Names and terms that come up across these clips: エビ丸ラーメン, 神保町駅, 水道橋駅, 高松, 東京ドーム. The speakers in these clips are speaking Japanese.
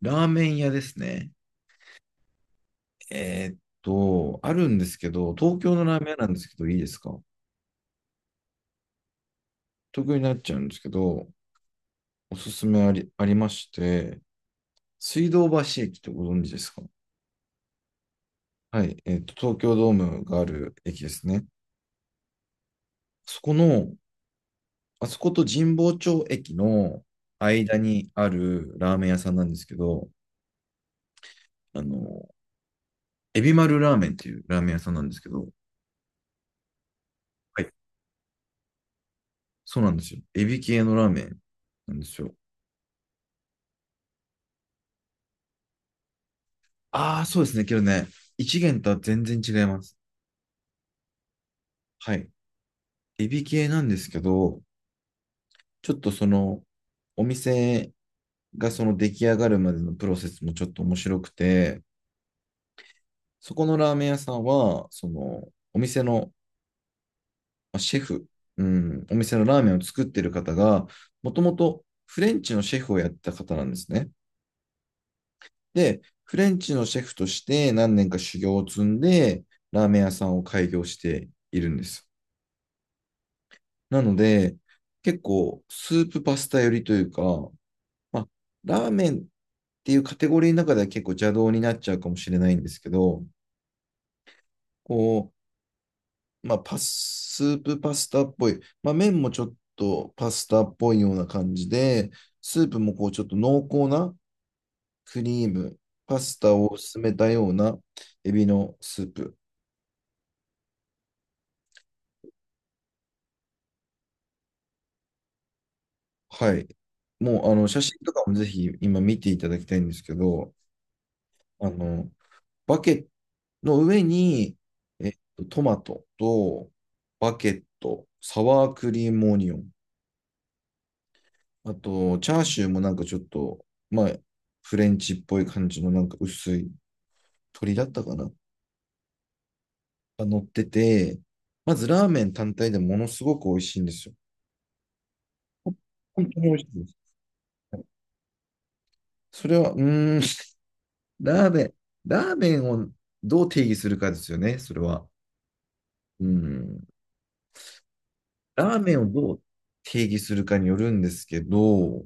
ラーメン屋ですね。あるんですけど、東京のラーメン屋なんですけど、いいですか？東京になっちゃうんですけど、おすすめありまして、水道橋駅ってご存知ですか？はい、東京ドームがある駅ですね。そこの、あそこと神保町駅の間にあるラーメン屋さんなんですけど、あの、エビ丸ラーメンっていうラーメン屋さんなんですけど、はい、そうなんですよ。エビ系のラーメンなんですよ。ああ、そうですね。けどね、一元とは全然違います。はい。エビ系なんですけど、ちょっとその、お店がその出来上がるまでのプロセスもちょっと面白くて、そこのラーメン屋さんは、その、お店のまあシェフ、うん、お店のラーメンを作ってる方が、もともとフレンチのシェフをやってた方なんですね。で、フレンチのシェフとして何年か修行を積んで、ラーメン屋さんを開業しているんです。なので、結構スープパスタ寄りというか、まあ、ラーメンっていうカテゴリーの中では結構邪道になっちゃうかもしれないんですけど、こう、まあ、パス、スープパスタっぽい、まあ、麺もちょっとパスタっぽいような感じで、スープもこうちょっと濃厚なクリーム、パスタを薄めたようなエビのスープ。はい。もうあの写真とかもぜひ今見ていただきたいんですけど、あの、バケッの上に、えっトマトと、バケット、サワークリームオニオン、あと、チャーシューもなんかちょっと、まあ、フレンチっぽい感じのなんか薄い鶏だったかなが乗ってて、まずラーメン単体でものすごく美味しいんですよ。本当に美味しいです。それは、うーん、ラーメン、ラーメンをどう定義するかですよね、それは。うん、ラーメンをどう定義するかによるんですけど、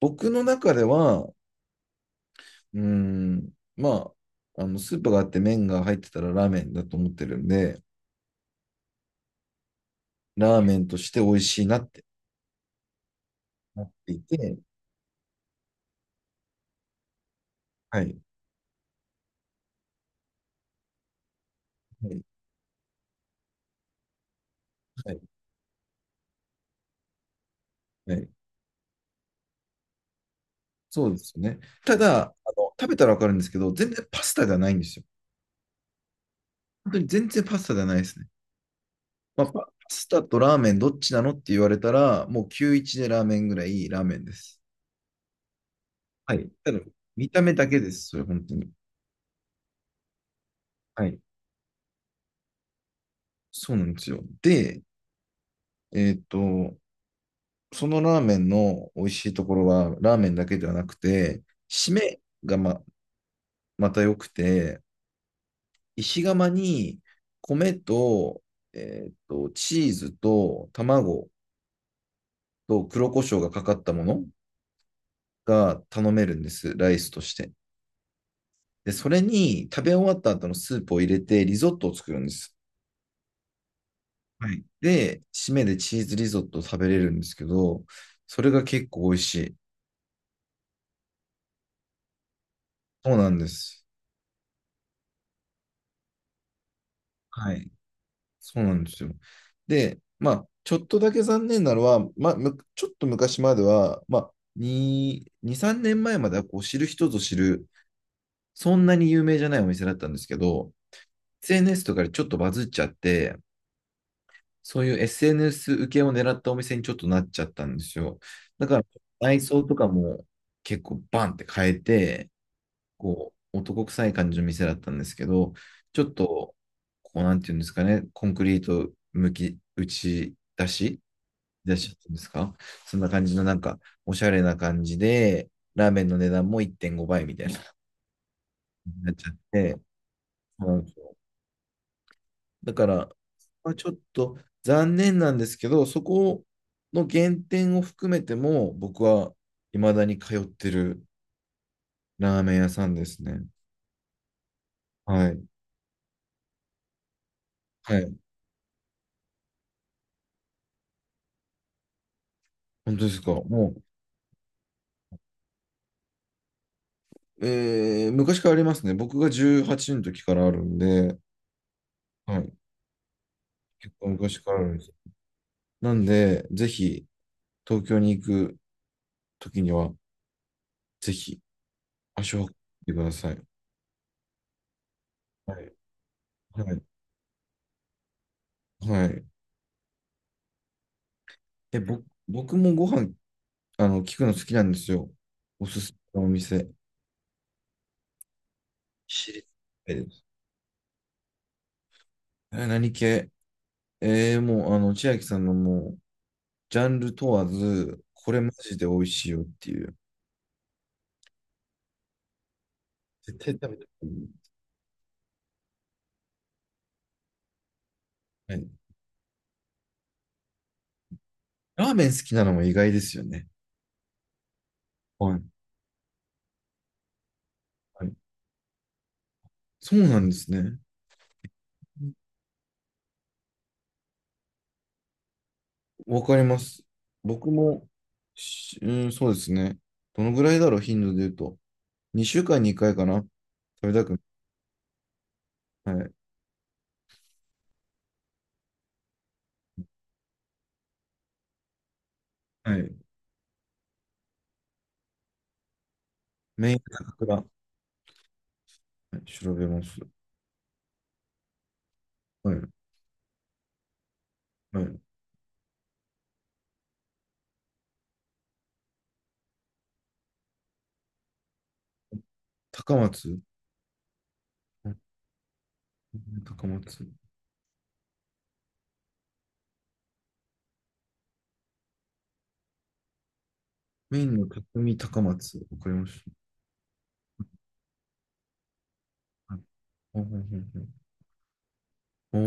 僕の中では、うーん。まあ、あの、スープがあって麺が入ってたらラーメンだと思ってるんで、ラーメンとして美味しいなってなっていて、はい。はい。はい。はい、そうですよね。ただ、あの、食べたらわかるんですけど、全然パスタじゃないんですよ。本当に全然パスタじゃないですね。まあ、パスタとラーメンどっちなのって言われたら、もう91でラーメンぐらいラーメンです。はい。ただ、見た目だけです。それ、本当に。はい。そうなんですよ。で、えっと、そのラーメンの美味しいところは、ラーメンだけではなくて、締めがま、また良くて、石窯に米と、チーズと卵と黒胡椒がかかったものが頼めるんです、ライスとして。で、それに食べ終わった後のスープを入れてリゾットを作るんです。はい。で、締めでチーズリゾットを食べれるんですけど、それが結構美味しい。そうなんです。はい。そうなんですよ。で、まあ、ちょっとだけ残念なのは、まあ、ちょっと昔までは、まあ、2、2、3年前まではこう知る人ぞ知る、そんなに有名じゃないお店だったんですけど、SNS とかでちょっとバズっちゃって、そういう SNS 受けを狙ったお店にちょっとなっちゃったんですよ。だから、内装とかも結構バンって変えて、こう、男臭い感じの店だったんですけど、ちょっと、こう、なんていうんですかね、コンクリート向き、打ち出しっていうんですか？そんな感じの、なんか、おしゃれな感じで、ラーメンの値段も1.5倍みたいな、なっちゃって、そうなんですよ。だから、まあ、ちょっと残念なんですけど、そこの原点を含めても、僕は未だに通ってるラーメン屋さんですね。はい。はい。本当ですか。もう、えー昔からありますね。僕が18の時からあるんで、はい、結構昔からあるんです。なんで、ぜひ、東京に行く時には、ぜひ、足を運んでください。はい。はい。はい。え、ぼ、僕もご飯、あの、聞くの好きなんですよ。おすすめのお店。知りたいです。え、何系？もう、あの、千秋さんのもう、ジャンル問わず、これマジで美味しいよっていう。絶対食べていい。はい。ラーメン好きなのも意外ですよね。はい。はい。そうなんですね。わかります。僕も、しうん、そうですね。どのぐらいだろう、頻度で言うと。2週間に1回かな。食べたくない。はい。はい。メインの価格だ。はい、調べます。はい。はい。高松。あ、高松。メインの匠高松。わかりました。はい。はいはいはいはい、お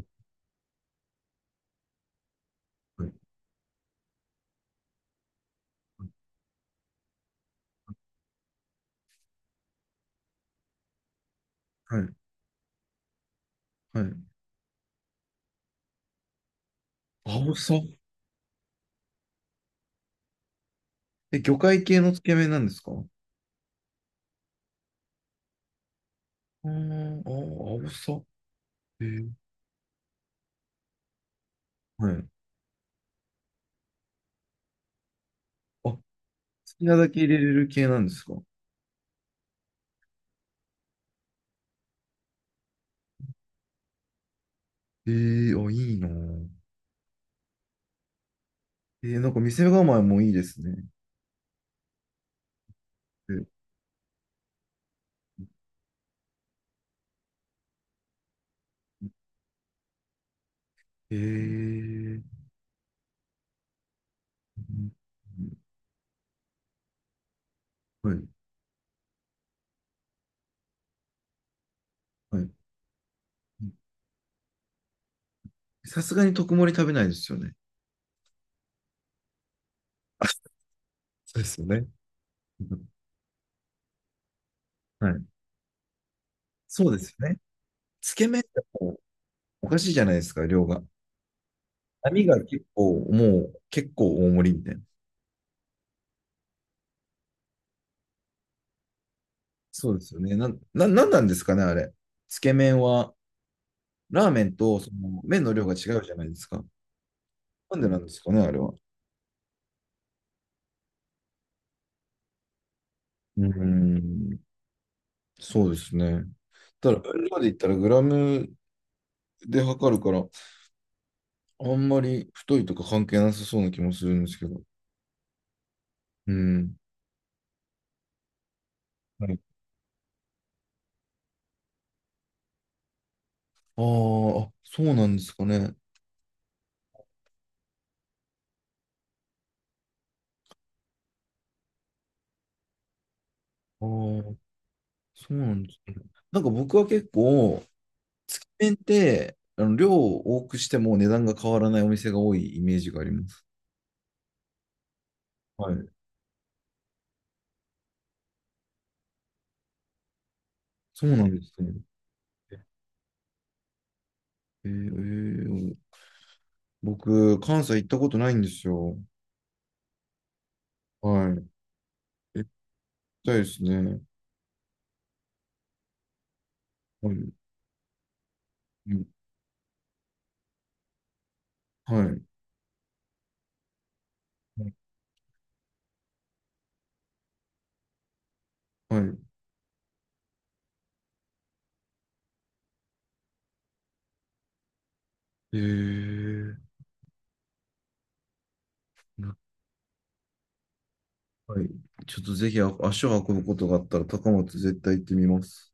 ー。はい。はい。はい。青さ。え、魚介系のつけ麺なんですか？あー、あー、青さ。え、はい。あ、好きなだけ入れれる系なんですか？ええー、あ、いいなぁ。えー、なんか店構えもいいですね。ええー、うん、はい、はい。さすがに特盛り食べないですよね。そうですよね。うん、はい。そうですよね。つけ麺だとおかしいじゃないですか、量が。波が結構、もう結構大盛りみたいな。そうですよね。なんなんですかね、あれ。つけ麺は、ラーメンとその麺の量が違うじゃないですか。なんでなんですかね、あれは。うん、そうですね。ただ、今まで言ったらグラムで測るから、あんまり太いとか関係なさそうな気もするんですけど。うん。はい、あーあ、そうなんですかね。ああ、そうなんですね。なんか僕は結構、つけ麺って、あの、量を多くしても値段が変わらないお店が多いイメージがあります。はい。そうなんですね。えー、えー僕、関西行ったことないんですよ。はい。行きたいですね。はい。うん。はい。うんはい。えー、はいはい、ちょっとぜひ足を運ぶことがあったら高松絶対行ってみます。